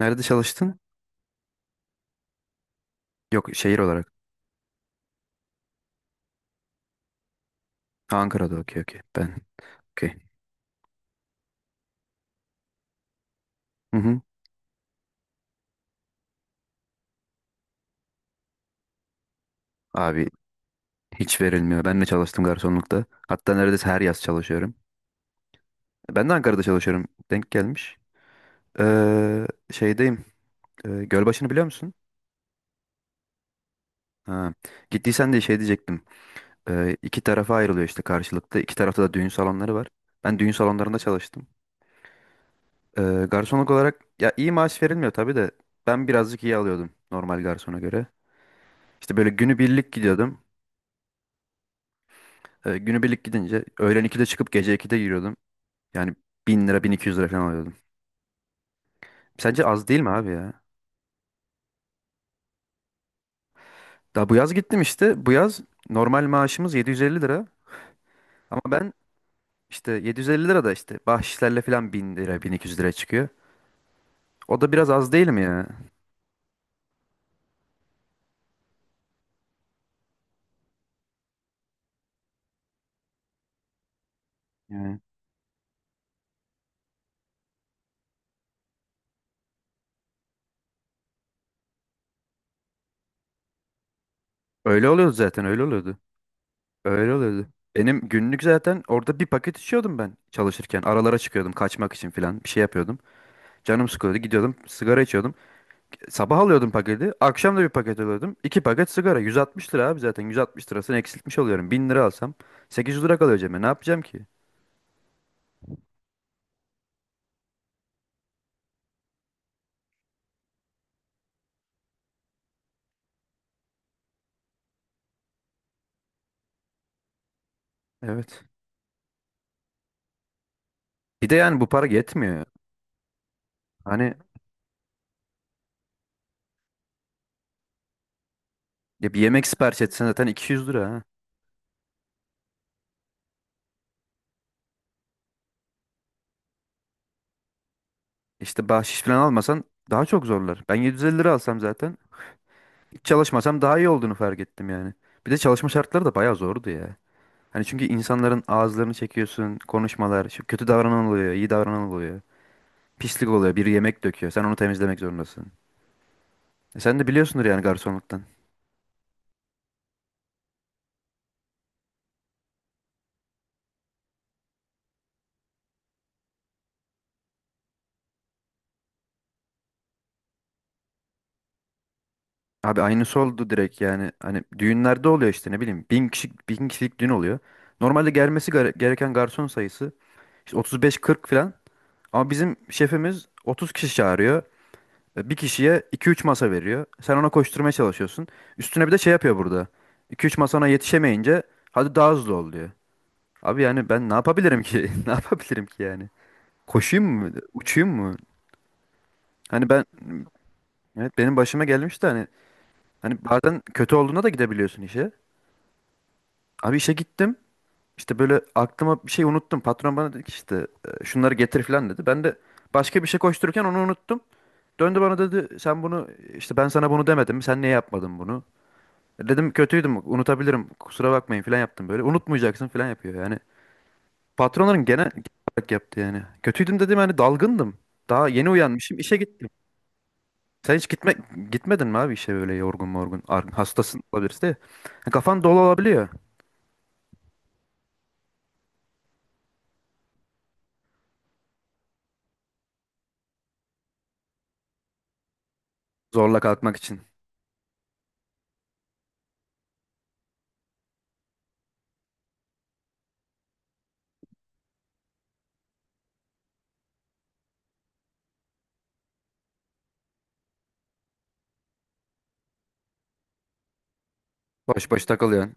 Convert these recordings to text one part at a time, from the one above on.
Nerede çalıştın? Yok, şehir olarak. Ha, Ankara'da okey, okey. Ben okey. Hı hı. Abi, hiç verilmiyor. Ben de çalıştım garsonlukta. Hatta neredeyse her yaz çalışıyorum. Ben de Ankara'da çalışıyorum. Denk gelmiş. Şeydeyim. Gölbaşı'nı biliyor musun? Ha. Gittiysen de şey diyecektim. İki tarafa ayrılıyor işte karşılıklı. İki tarafta da düğün salonları var. Ben düğün salonlarında çalıştım. Ee, garsonluk olarak ya iyi maaş verilmiyor tabii de ben birazcık iyi alıyordum normal garsona göre. İşte böyle günübirlik gidiyordum. Günübirlik gidince öğlen 2'de çıkıp gece 2'de giriyordum. Yani 1.000 lira, 1200 lira falan alıyordum. Sence az değil mi abi ya? Daha bu yaz gittim işte. Bu yaz normal maaşımız 750 lira. Ama ben işte 750 lira da işte bahşişlerle falan 1.000 lira, 1.200 lira çıkıyor. O da biraz az değil mi ya? Yani öyle oluyordu, zaten öyle oluyordu. Öyle oluyordu. Benim günlük zaten orada bir paket içiyordum ben çalışırken. Aralara çıkıyordum, kaçmak için falan bir şey yapıyordum. Canım sıkıyordu, gidiyordum, sigara içiyordum. Sabah alıyordum paketi. Akşam da bir paket alıyordum. İki paket sigara. 160 lira abi zaten. 160 lirasını eksiltmiş oluyorum. 1.000 lira alsam 800 lira kalıyor cebime. Ne yapacağım ki? Evet. Bir de yani bu para yetmiyor. Hani ya bir yemek sipariş etsen zaten 200 lira ha. İşte bahşiş falan almasan daha çok zorlar. Ben 750 lira alsam zaten hiç çalışmasam daha iyi olduğunu fark ettim yani. Bir de çalışma şartları da bayağı zordu ya. Hani çünkü insanların ağızlarını çekiyorsun, konuşmalar, şu kötü davranan oluyor, iyi davranan oluyor. Pislik oluyor, biri yemek döküyor, sen onu temizlemek zorundasın. Sen de biliyorsundur yani garsonluktan. Abi aynısı oldu direkt yani. Hani düğünlerde oluyor işte ne bileyim. Bin kişilik, bin kişilik düğün oluyor. Normalde gelmesi gereken garson sayısı işte 35-40 falan. Ama bizim şefimiz 30 kişi çağırıyor. Bir kişiye 2-3 masa veriyor. Sen ona koşturmaya çalışıyorsun. Üstüne bir de şey yapıyor burada. 2-3 masana yetişemeyince hadi daha hızlı ol diyor. Abi yani ben ne yapabilirim ki? Ne yapabilirim ki yani? Koşayım mı? Uçayım mı? Hani ben, evet, benim başıma gelmişti hani. Hani bazen kötü olduğuna da gidebiliyorsun işe. Abi işe gittim. İşte böyle aklıma bir şey unuttum. Patron bana dedi ki işte şunları getir falan dedi. Ben de başka bir şey koştururken onu unuttum. Döndü bana dedi sen bunu işte ben sana bunu demedim. Sen niye yapmadın bunu? Dedim kötüydüm, unutabilirim, kusura bakmayın falan yaptım böyle. Unutmayacaksın falan yapıyor yani. Patronların genel olarak yaptı yani. Kötüydüm dedim, hani dalgındım. Daha yeni uyanmışım, işe gittim. Sen hiç gitme, Gitmedin mi abi işe böyle yorgun morgun? Hastasın olabilirsin de. Kafan dolu olabiliyor. Zorla kalkmak için. Boş boş takılıyorsun.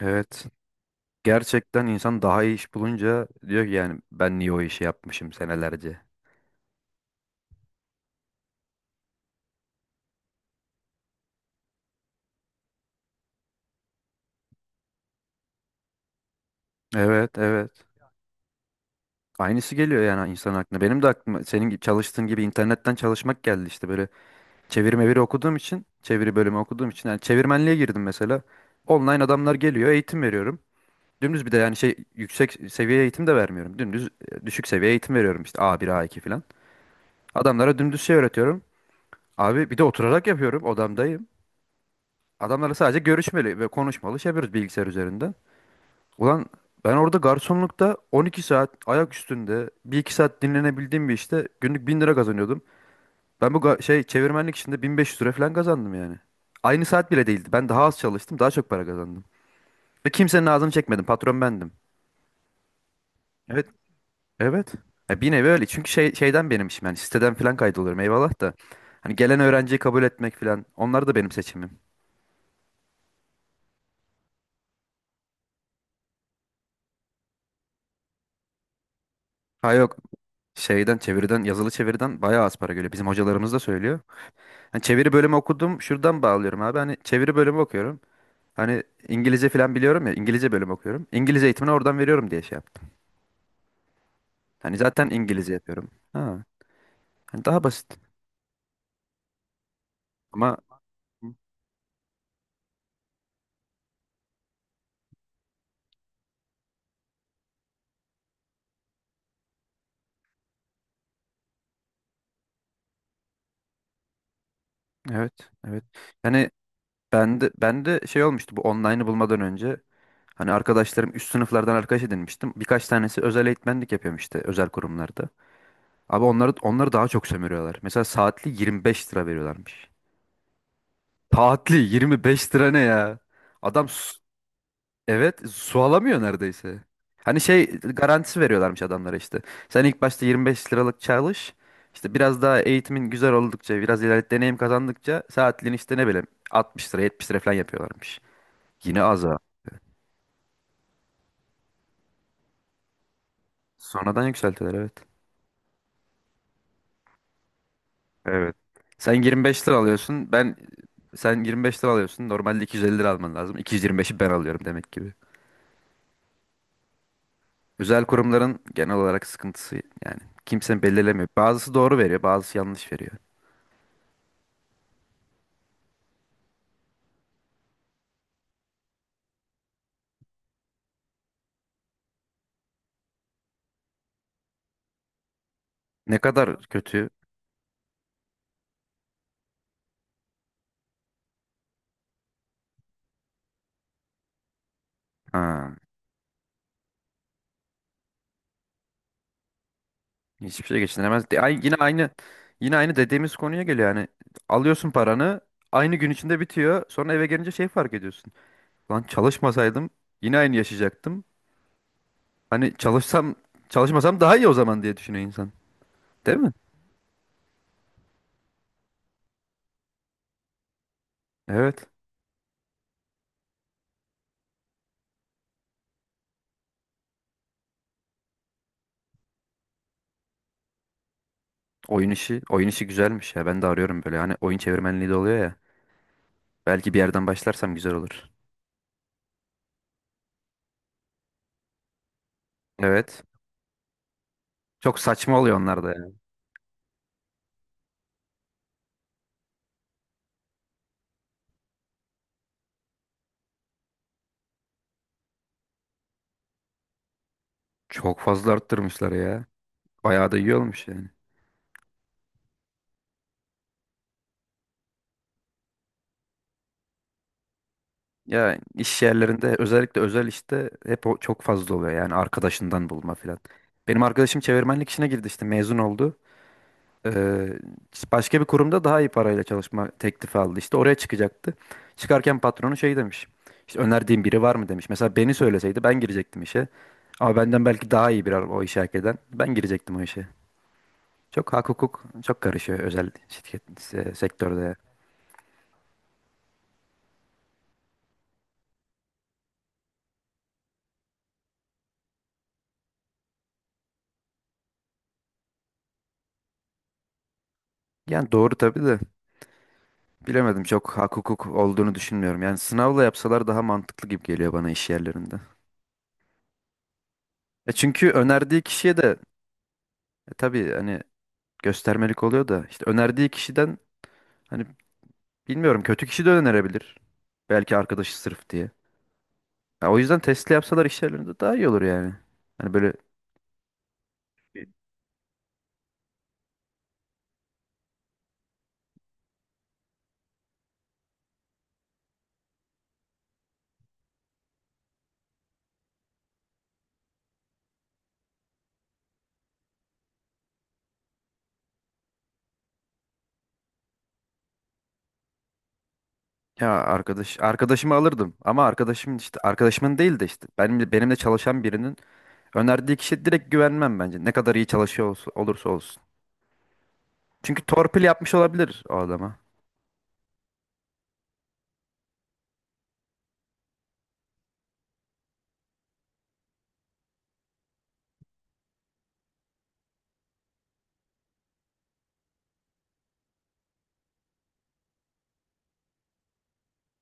Evet. Gerçekten insan daha iyi iş bulunca diyor ki yani ben niye o işi yapmışım senelerce. Evet, evet. Aynısı geliyor yani insan aklına. Benim de aklıma senin gibi çalıştığın gibi internetten çalışmak geldi işte böyle, çeviri meviri okuduğum için, çeviri bölümü okuduğum için yani çevirmenliğe girdim mesela. Online adamlar geliyor, eğitim veriyorum. Dümdüz bir de yani şey, yüksek seviye eğitim de vermiyorum. Dümdüz düşük seviye eğitim veriyorum işte, a bir a iki falan. Adamlara dümdüz şey öğretiyorum. Abi bir de oturarak yapıyorum, odamdayım. Adamlarla sadece görüşmeli ve konuşmalı şey yapıyoruz bilgisayar üzerinden. Ulan, ben orada garsonlukta 12 saat ayak üstünde, bir iki saat dinlenebildiğim bir işte günlük 1.000 lira kazanıyordum. Ben bu şey çevirmenlik işinde 1.500 lira falan kazandım yani. Aynı saat bile değildi. Ben daha az çalıştım, daha çok para kazandım. Ve kimsenin ağzını çekmedim. Patron bendim. Evet, evet. Ya bir nevi öyle. Çünkü şeyden benim işim, yani siteden falan kaydoluyorum eyvallah da. Hani gelen öğrenciyi kabul etmek falan, onlar da benim seçimim. Ha yok, şeyden, çeviriden, yazılı çeviriden bayağı az para geliyor. Bizim hocalarımız da söylüyor. Hani çeviri bölümü okudum, şuradan bağlıyorum abi. Hani çeviri bölümü okuyorum. Hani İngilizce falan biliyorum ya, İngilizce bölümü okuyorum. İngilizce eğitimini oradan veriyorum diye şey yaptım. Hani zaten İngilizce yapıyorum. Ha, hani daha basit. Ama evet, evet. Yani ben de şey olmuştu bu online'ı bulmadan önce. Hani arkadaşlarım üst sınıflardan arkadaş edinmiştim. Birkaç tanesi özel eğitmenlik yapıyorum işte özel kurumlarda. Abi onları daha çok sömürüyorlar. Mesela saatli 25 lira veriyorlarmış. Taatli 25 lira ne ya? Adam evet, su alamıyor neredeyse. Hani şey garantisi veriyorlarmış adamlara işte. Sen ilk başta 25 liralık çalış. İşte biraz daha eğitimin güzel oldukça, biraz ileride deneyim kazandıkça saatliğini işte ne bileyim 60 lira, 70 lira falan yapıyorlarmış. Yine az ha. Sonradan yükseltiler, evet. Evet. Sen 25 lira alıyorsun. Sen 25 lira alıyorsun. Normalde 250 lira alman lazım. 225'i ben alıyorum demek ki. Özel kurumların genel olarak sıkıntısı, yani kimse belirlemiyor. Bazısı doğru veriyor, bazısı yanlış veriyor. Ne kadar kötü. Ha, hiçbir şey geçinemez. Yine aynı dediğimiz konuya geliyor yani. Alıyorsun paranı, aynı gün içinde bitiyor. Sonra eve gelince şey fark ediyorsun. Lan çalışmasaydım yine aynı yaşayacaktım. Hani çalışsam çalışmasam daha iyi o zaman diye düşünüyor insan. Değil mi? Evet. Oyun işi, oyun işi güzelmiş ya. Ben de arıyorum böyle. Hani oyun çevirmenliği de oluyor ya. Belki bir yerden başlarsam güzel olur. Evet. Çok saçma oluyor onlar da yani. Çok fazla arttırmışlar ya. Bayağı da iyi olmuş yani. Ya iş yerlerinde özellikle özel işte hep o çok fazla oluyor yani, arkadaşından bulma filan. Benim arkadaşım çevirmenlik işine girdi işte, mezun oldu. Ee, başka bir kurumda daha iyi parayla çalışma teklifi aldı, işte oraya çıkacaktı. Çıkarken patronu şey demiş. İşte önerdiğin biri var mı demiş. Mesela beni söyleseydi ben girecektim işe. Ama benden belki daha iyi bir o işe hak eden ben girecektim o işe. Çok hak hukuk çok karışıyor özel şirket sektörde. Yani doğru tabii de bilemedim, çok hak hukuk olduğunu düşünmüyorum. Yani sınavla yapsalar daha mantıklı gibi geliyor bana iş yerlerinde. Çünkü önerdiği kişiye de tabii hani göstermelik oluyor da işte önerdiği kişiden hani bilmiyorum kötü kişi de önerebilir. Belki arkadaşı sırf diye. Ya o yüzden testli yapsalar iş yerlerinde daha iyi olur yani. Hani böyle, ya arkadaşımı alırdım ama arkadaşım işte arkadaşımın değil de işte benimle çalışan birinin önerdiği kişiye direkt güvenmem bence. Ne kadar iyi çalışıyor olursa olsun. Çünkü torpil yapmış olabilir o adama.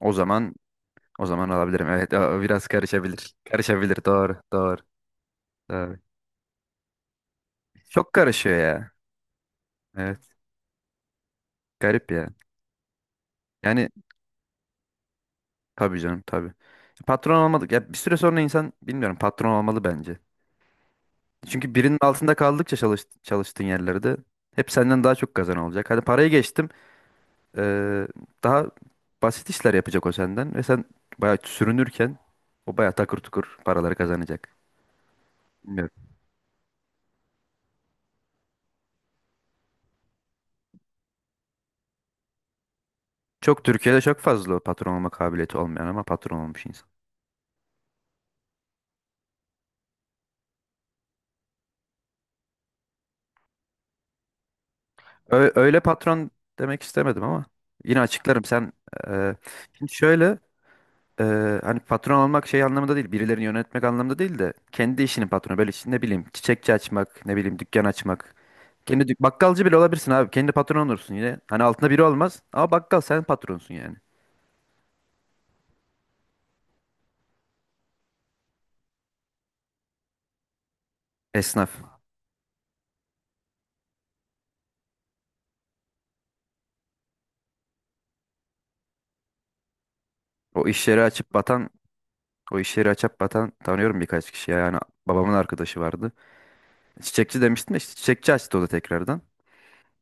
O zaman o zaman alabilirim. Evet, o biraz karışabilir. Karışabilir. Doğru, doğru, doğru. Çok karışıyor ya. Evet, garip ya. Yani tabii canım, tabii. Patron olmadık. Ya bir süre sonra insan bilmiyorum patron olmalı bence. Çünkü birinin altında kaldıkça çalıştığın yerlerde hep senden daha çok kazan olacak. Hadi parayı geçtim. eee, daha basit işler yapacak o senden ve sen bayağı sürünürken o bayağı takır tukur paraları kazanacak. Bilmiyorum. Türkiye'de çok fazla o patron olma kabiliyeti olmayan ama patron olmuş insan. Öyle patron demek istemedim ama yine açıklarım. Sen e, şimdi şöyle hani patron olmak şey anlamında değil, birilerini yönetmek anlamında değil de kendi işinin patronu. Böyle işte ne bileyim çiçekçi açmak, ne bileyim dükkan açmak. Kendi bakkalcı bile olabilirsin abi. Kendi patron olursun yine. Hani altında biri olmaz ama bakkal, sen patronsun yani. Esnaf. O iş yeri açıp batan, o iş yeri açıp batan tanıyorum birkaç kişi. Yani babamın arkadaşı vardı. Çiçekçi demiştim de, işte çiçekçi açtı o da tekrardan.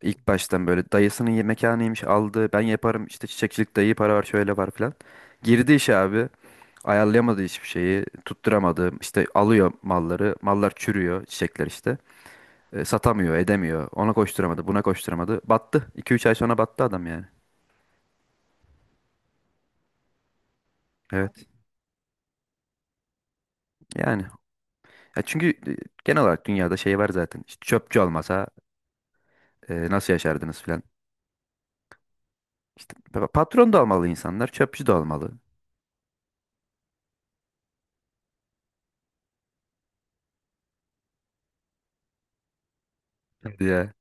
İlk baştan böyle dayısının mekanıymış, aldı. Ben yaparım işte, çiçekçilik iyi para var şöyle var filan. Girdi işe abi. Ayarlayamadı hiçbir şeyi. Tutturamadı. İşte alıyor malları. Mallar çürüyor çiçekler işte. Satamıyor edemiyor. Ona koşturamadı, buna koşturamadı. Battı. 2 üç ay sonra battı adam yani. Evet. Yani. Ya çünkü genel olarak dünyada şey var zaten. İşte çöpçü olmasa nasıl yaşardınız filan. İşte patron da olmalı insanlar. Çöpçü de olmalı. Evet. Ya.